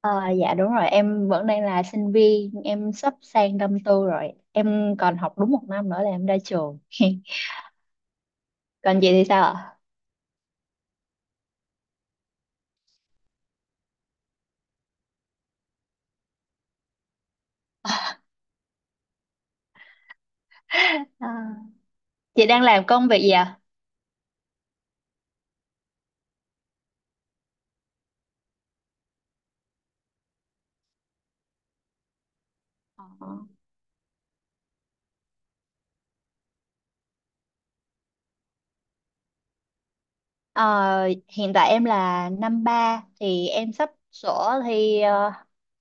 Ờ, dạ đúng rồi, em vẫn đang là sinh viên, em sắp sang năm tư rồi. Em còn học đúng một năm nữa là em ra trường. Còn chị thì sao ạ? Ờ, chị đang làm công việc gì ạ? Ờ. Ờ, hiện tại em là năm ba thì em sắp sổ thi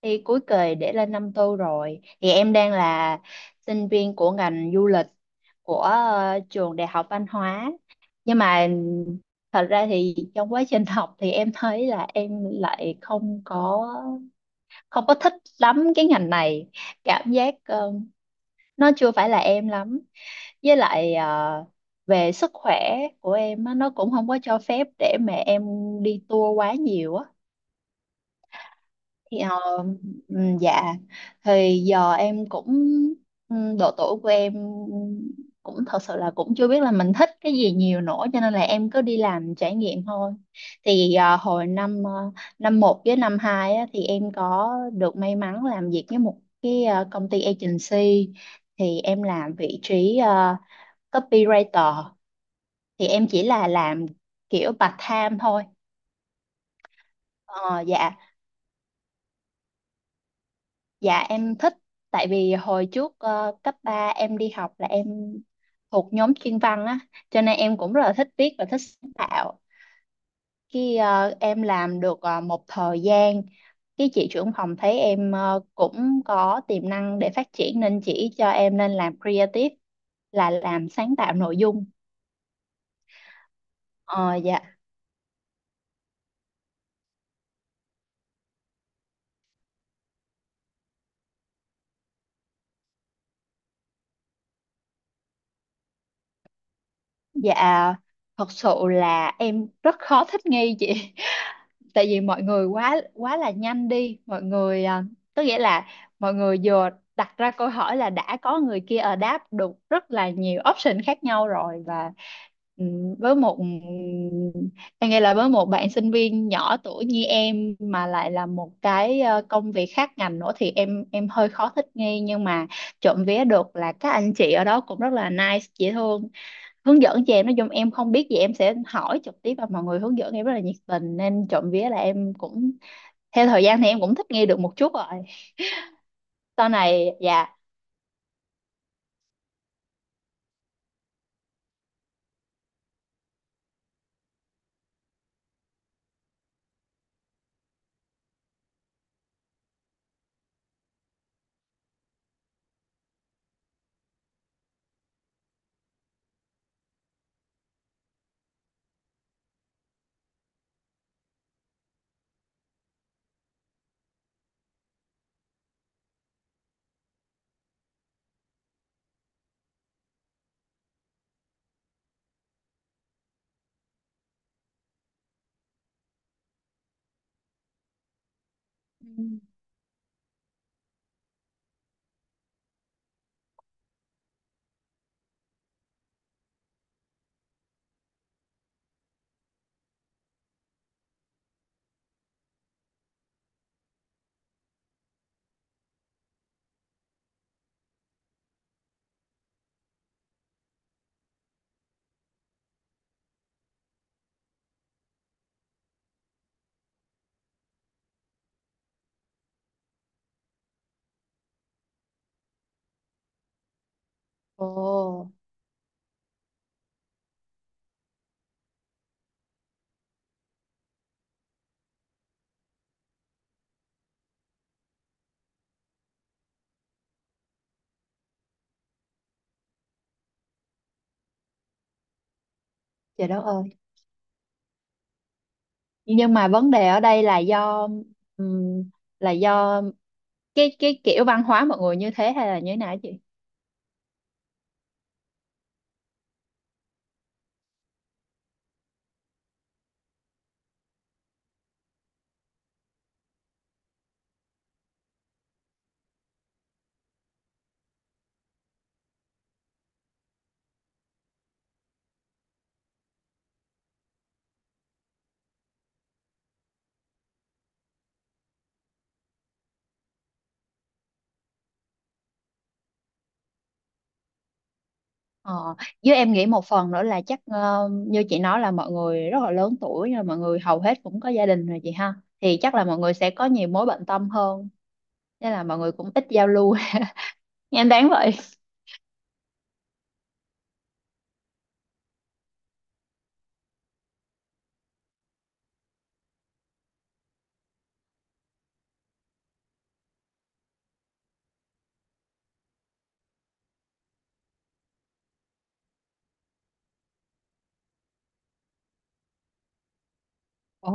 thi cuối kỳ để lên năm tư rồi. Thì em đang là sinh viên của ngành du lịch của trường Đại học Văn hóa, nhưng mà thật ra thì trong quá trình học thì em thấy là em lại không có thích lắm cái ngành này. Cảm giác nó chưa phải là em lắm, với lại về sức khỏe của em á, nó cũng không có cho phép để mà em đi tour quá nhiều á thì, dạ, thì giờ em cũng, độ tuổi của em cũng thật sự là cũng chưa biết là mình thích cái gì nhiều nữa, cho nên là em cứ đi làm trải nghiệm thôi. Thì hồi năm năm một với năm hai á, thì em có được may mắn làm việc với một cái công ty agency. Thì em làm vị trí copywriter, thì em chỉ là làm kiểu part time thôi. Ờ, dạ. Dạ em thích, tại vì hồi trước cấp 3 em đi học là em thuộc nhóm chuyên văn á, cho nên em cũng rất là thích viết và thích sáng tạo. Khi em làm được một thời gian, cái chị trưởng phòng thấy em cũng có tiềm năng để phát triển nên chỉ cho em nên làm creative, là làm sáng tạo nội dung. Ờ, dạ. Dạ, thật sự là em rất khó thích nghi chị. Tại vì mọi người quá quá là nhanh đi mọi người à, tức nghĩa là mọi người vừa đặt ra câu hỏi là đã có người kia ở đáp được rất là nhiều option khác nhau rồi. Và với một em nghĩ là với một bạn sinh viên nhỏ tuổi như em mà lại là một cái công việc khác ngành nữa thì em hơi khó thích nghi. Nhưng mà trộm vía được là các anh chị ở đó cũng rất là nice, dễ thương, hướng dẫn cho em. Nói chung em không biết gì em sẽ hỏi trực tiếp và mọi người hướng dẫn em rất là nhiệt tình, nên trộm vía là em cũng theo thời gian thì em cũng thích nghi được một chút rồi sau này. Dạ. Ừ. Ồ. Trời đất ơi. Nhưng mà vấn đề ở đây là do, ừm, là do cái kiểu văn hóa mọi người như thế hay là như thế nào á chị? Ờ, với em nghĩ một phần nữa là chắc như chị nói là mọi người rất là lớn tuổi rồi, mọi người hầu hết cũng có gia đình rồi chị ha, thì chắc là mọi người sẽ có nhiều mối bận tâm hơn, nên là mọi người cũng ít giao lưu. Em đáng vậy. Ồ.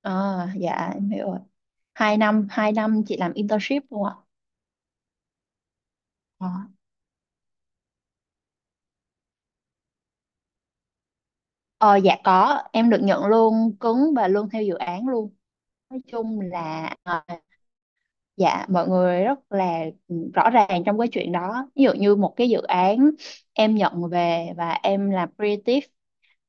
Ờ, dạ em hiểu rồi. Hai năm chị làm internship luôn ạ. Ờ, Ờ, dạ có, em được nhận lương cứng và lương theo dự án luôn. Nói chung là dạ mọi người rất là ừ, rõ ràng trong cái chuyện đó. Ví dụ như một cái dự án em nhận về và em làm creative,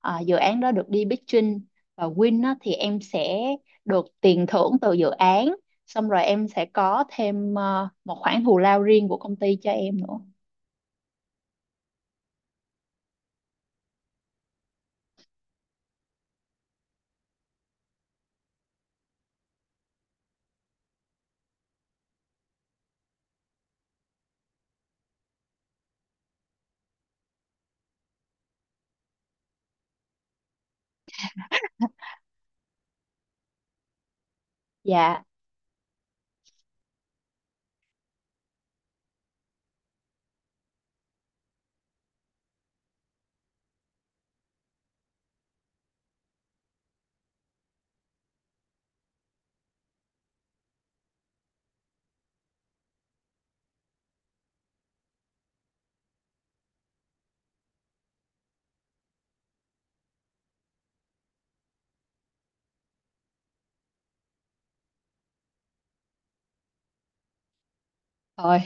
à, dự án đó được đi pitching và win á, thì em sẽ được tiền thưởng từ dự án, xong rồi em sẽ có thêm một khoản thù lao riêng của công ty cho em nữa. Dạ, rồi.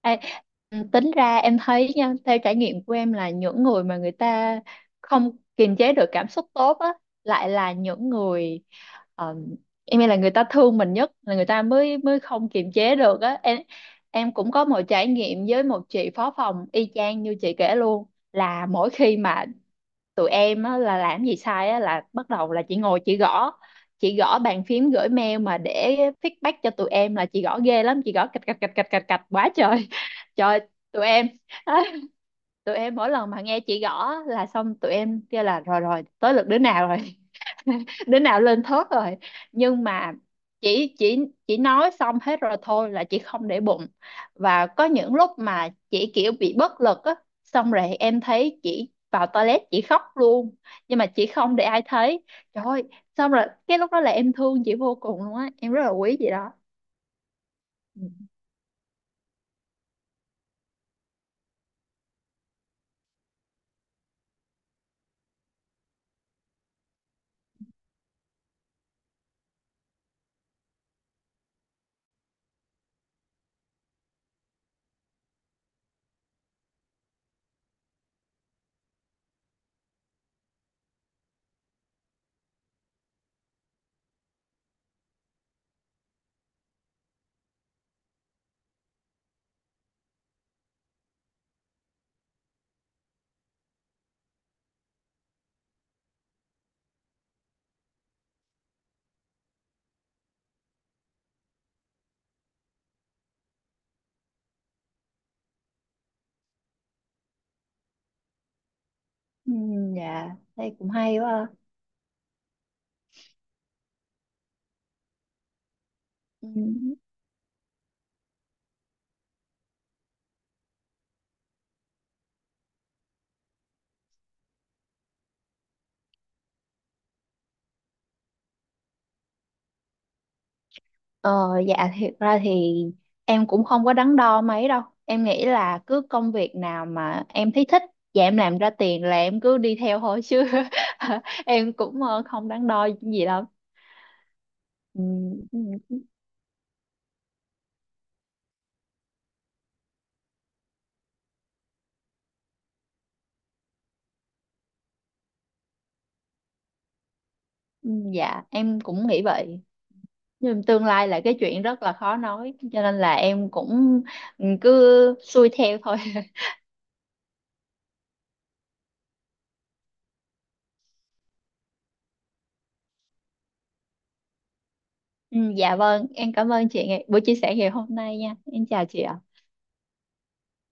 Ê, ừ, tính ra em thấy nha, theo trải nghiệm của em là những người mà người ta không kiềm chế được cảm xúc tốt á, lại là những người, ờ, em nghĩ là người ta thương mình nhất là người ta mới mới không kiềm chế được á em. Em cũng có một trải nghiệm với một chị phó phòng y chang như chị kể luôn. Là mỗi khi mà tụi em á, là làm gì sai á, là bắt đầu là chị ngồi chị gõ, chị gõ bàn phím gửi mail mà để feedback cho tụi em là chị gõ ghê lắm, chị gõ cạch cạch cạch cạch cạch cạch quá trời. Trời ơi, tụi em. Tụi em mỗi lần mà nghe chị gõ là xong tụi em kêu là rồi rồi, tới lượt đứa nào rồi. Đứa nào lên thớt rồi. Nhưng mà chỉ chỉ chỉ nói xong hết rồi thôi là chị không để bụng. Và có những lúc mà chị kiểu bị bất lực á, xong rồi em thấy chị vào toilet chị khóc luôn, nhưng mà chị không để ai thấy. Trời ơi. Xong rồi cái lúc đó là em thương chị vô cùng luôn á, em rất là quý chị đó. Ừ. Ừ, dạ, đây cũng hay quá ha. Ừ. Ờ, dạ thiệt ra thì em cũng không có đắn đo mấy đâu. Em nghĩ là cứ công việc nào mà em thấy thích và em làm ra tiền là em cứ đi theo thôi chứ, em cũng không đắn đo gì đâu. Ừ, ừ, ừ, dạ em cũng nghĩ vậy. Nhưng tương lai là cái chuyện rất là khó nói, cho nên là em cũng, ừ, cứ xuôi theo thôi. Ừ, dạ vâng, em cảm ơn chị ngày- buổi chia sẻ ngày hôm nay nha. Em chào chị ạ.